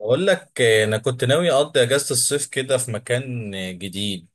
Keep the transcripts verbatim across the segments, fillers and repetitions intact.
بقول لك آه، انا كنت ناوي اقضي اجازة الصيف كده في مكان آه، جديد.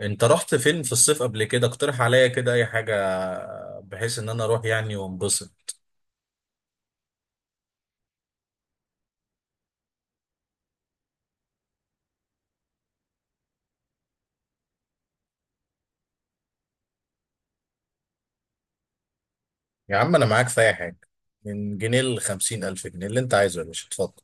انت رحت فين في الصيف قبل كده؟ اقترح عليا كده اي حاجة آه، بحيث ان انا اروح يعني وانبسط. يا عم انا معاك في اي حاجة، من جنيه لخمسين الف جنيه اللي انت عايزه يا باشا اتفضل.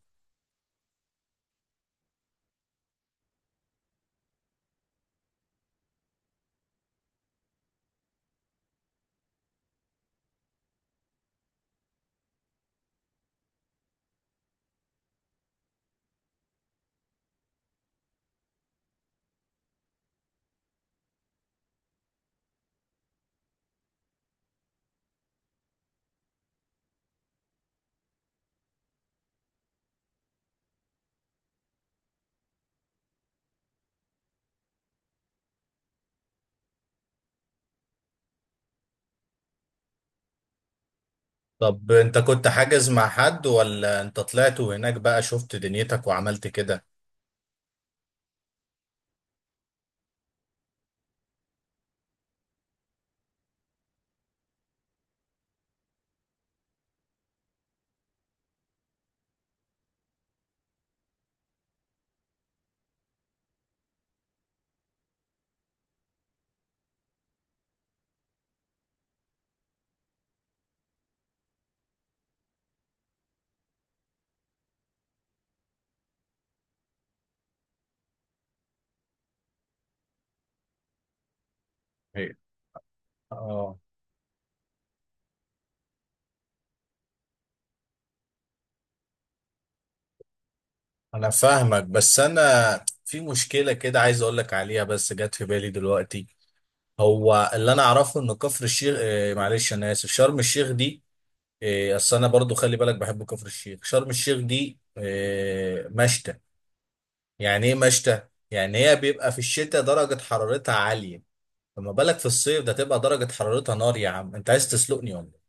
طب انت كنت حاجز مع حد، ولا انت طلعت وهناك بقى شفت دنيتك وعملت كده؟ إيه. اه، انا فاهمك، بس انا في مشكلة كده عايز اقول لك عليها بس جت في بالي دلوقتي. هو اللي انا اعرفه ان كفر الشيخ، آه، معلش انا اسف، شرم الشيخ دي. آه، اصل انا برضو خلي بالك بحب كفر الشيخ. شرم الشيخ دي آه، مشتى. يعني ايه مشتى؟ يعني هي بيبقى في الشتاء درجة حرارتها عالية، فما بالك في الصيف، ده تبقى درجة حرارتها نار. يا عم انت عايز تسلقني ولا إيه؟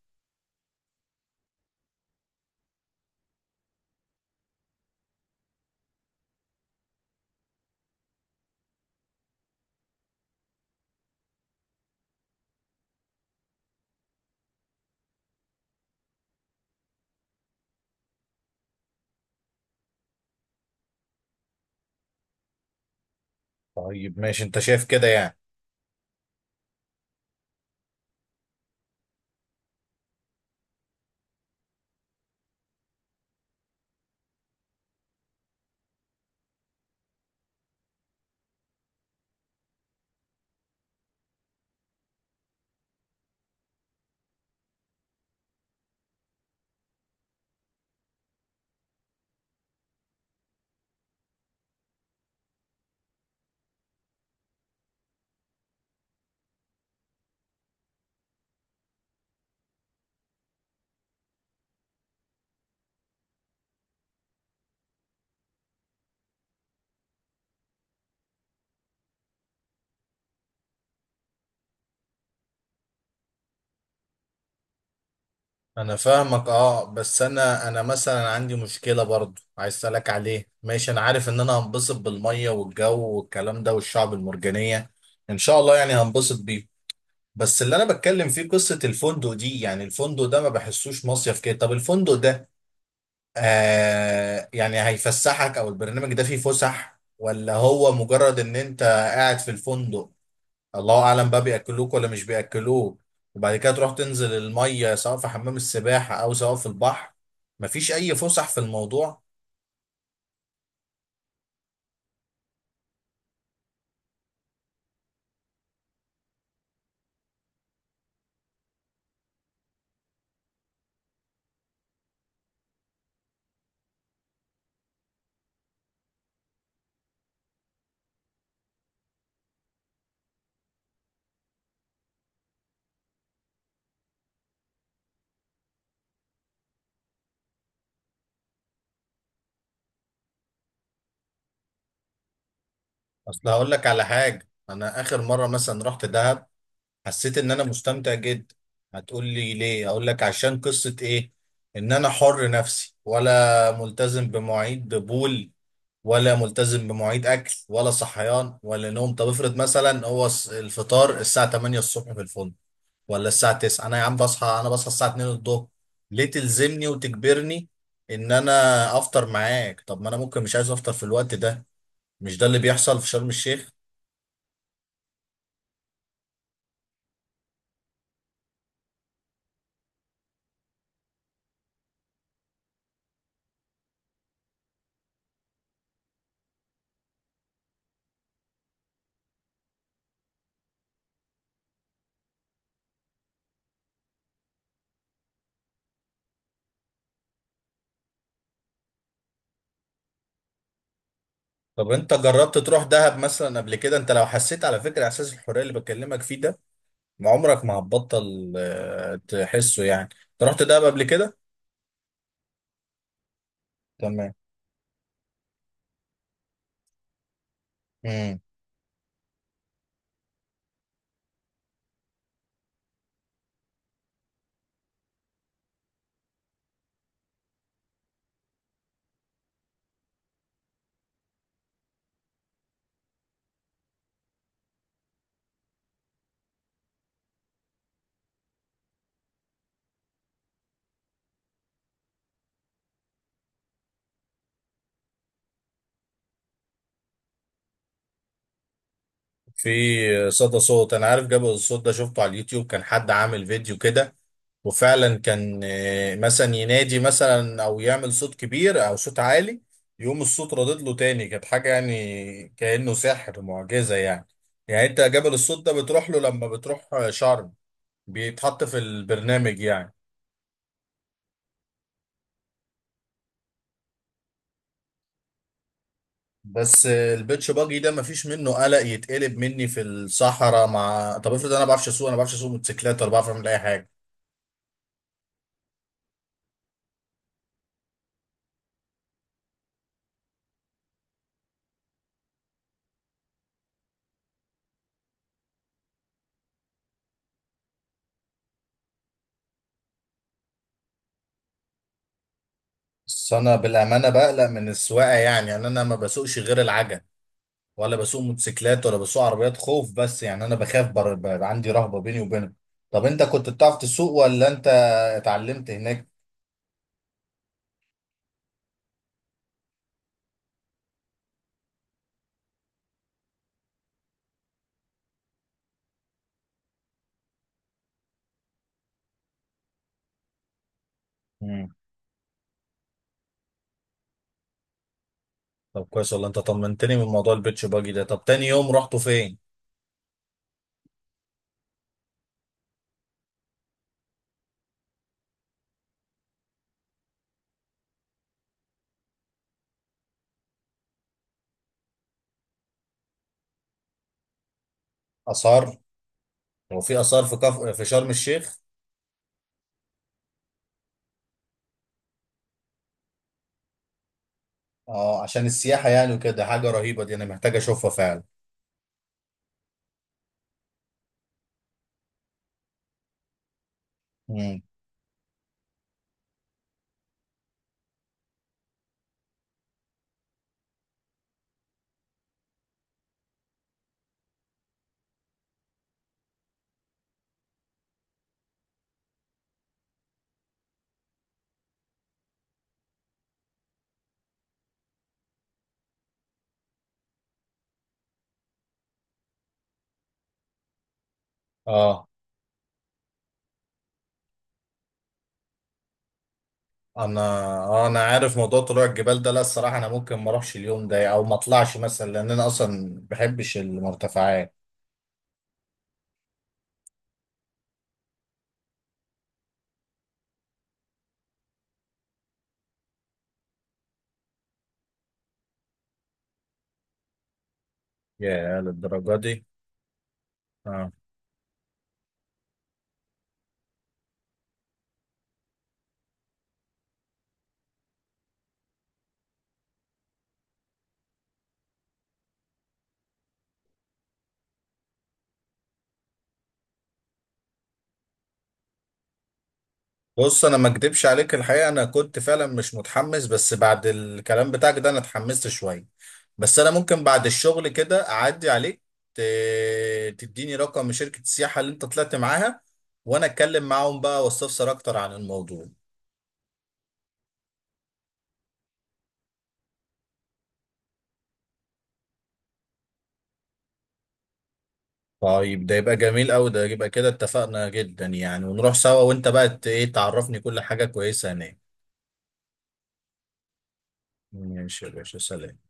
طيب ماشي، انت شايف كده يعني. انا فاهمك اه، بس انا انا مثلا عندي مشكله برضو عايز اسالك عليه. ماشي انا عارف ان انا هنبسط بالميه والجو والكلام ده والشعب المرجانيه، ان شاء الله يعني هنبسط بيه. بس اللي انا بتكلم فيه قصه الفندق دي، يعني الفندق ده ما بحسوش مصيف كده. طب الفندق ده آه يعني هيفسحك، او البرنامج ده فيه فسح، ولا هو مجرد ان انت قاعد في الفندق؟ الله اعلم بقى بياكلوك ولا مش بياكلوك، وبعد كده تروح تنزل الميه سواء في حمام السباحه او سواء في البحر. مفيش اي فسح في الموضوع. اصل هقول لك على حاجه، انا اخر مره مثلا رحت دهب حسيت ان انا مستمتع جدا. هتقول لي ليه؟ اقول لك عشان قصه ايه؟ ان انا حر نفسي، ولا ملتزم بمواعيد بول، ولا ملتزم بمواعيد اكل، ولا صحيان، ولا نوم. طب افرض مثلا هو الفطار الساعه ثمانية الصبح في الفندق، ولا الساعة التاسعة. انا يا عم بصحى، انا بصحى الساعة الثانية الظهر. ليه تلزمني وتجبرني ان انا افطر معاك؟ طب ما انا ممكن مش عايز افطر في الوقت ده. مش ده اللي بيحصل في شرم الشيخ. طب انت جربت تروح دهب مثلا قبل كده؟ انت لو حسيت، على فكرة، احساس الحرية اللي بكلمك فيه ده، ما عمرك ما هتبطل آه، تحسه. يعني انت رحت دهب قبل كده؟ تمام. امم. في صدى صوت. انا عارف جبل الصوت ده، شفته على اليوتيوب، كان حد عامل فيديو كده، وفعلا كان آه، مثلا ينادي مثلا او يعمل صوت كبير او صوت عالي، يقوم الصوت ردد له تاني. كانت حاجه يعني كانه سحر، معجزه يعني. يعني انت جبل الصوت ده بتروح له لما بتروح آه، شرم؟ بيتحط في البرنامج يعني؟ بس آه، البيتش باجي ده مفيش منه قلق يتقلب مني في الصحراء مع. طب افرض انا ما بعرفش اسوق، انا ما بعرفش اسوق موتوسيكلات، ولا بعرف اعمل اي حاجه. بس انا بالامانه بقلق من السواقه، يعني يعني انا ما بسوقش غير العجل، ولا بسوق موتوسيكلات، ولا بسوق عربيات. خوف بس، يعني انا بخاف، بر... بر... عندي رهبة بيني وبينهم. طب انت كنت بتعرف تسوق ولا انت اتعلمت هناك؟ مم. طب كويس والله، انت طمنتني من موضوع البيتش باجي ده. طب تاني يوم رحتوا فين؟ اثار؟ هو في اثار في كف... في شرم الشيخ؟ اه، عشان السياحة يعني وكده. حاجة رهيبة دي، انا محتاج اشوفها فعلا. مم. اه. انا آه انا عارف موضوع طلوع الجبال ده. لا الصراحة انا ممكن ما اروحش اليوم ده، او ما اطلعش مثلا، لان انا اصلا ما بحبش المرتفعات. يا للدرجة دي. آه. بص انا ما اكدبش عليك الحقيقه، انا كنت فعلا مش متحمس، بس بعد الكلام بتاعك ده انا اتحمست شويه. بس انا ممكن بعد الشغل كده اعدي عليك، ت- تديني رقم شركه السياحه اللي انت طلعت معاها، وانا اتكلم معاهم بقى واستفسر اكتر عن الموضوع. طيب ده يبقى جميل قوي، ده يبقى كده اتفقنا جدا يعني، ونروح سوا، وانت بقى ت- ايه تعرفني كل حاجه كويسه هناك. ماشي يا باشا، سلام.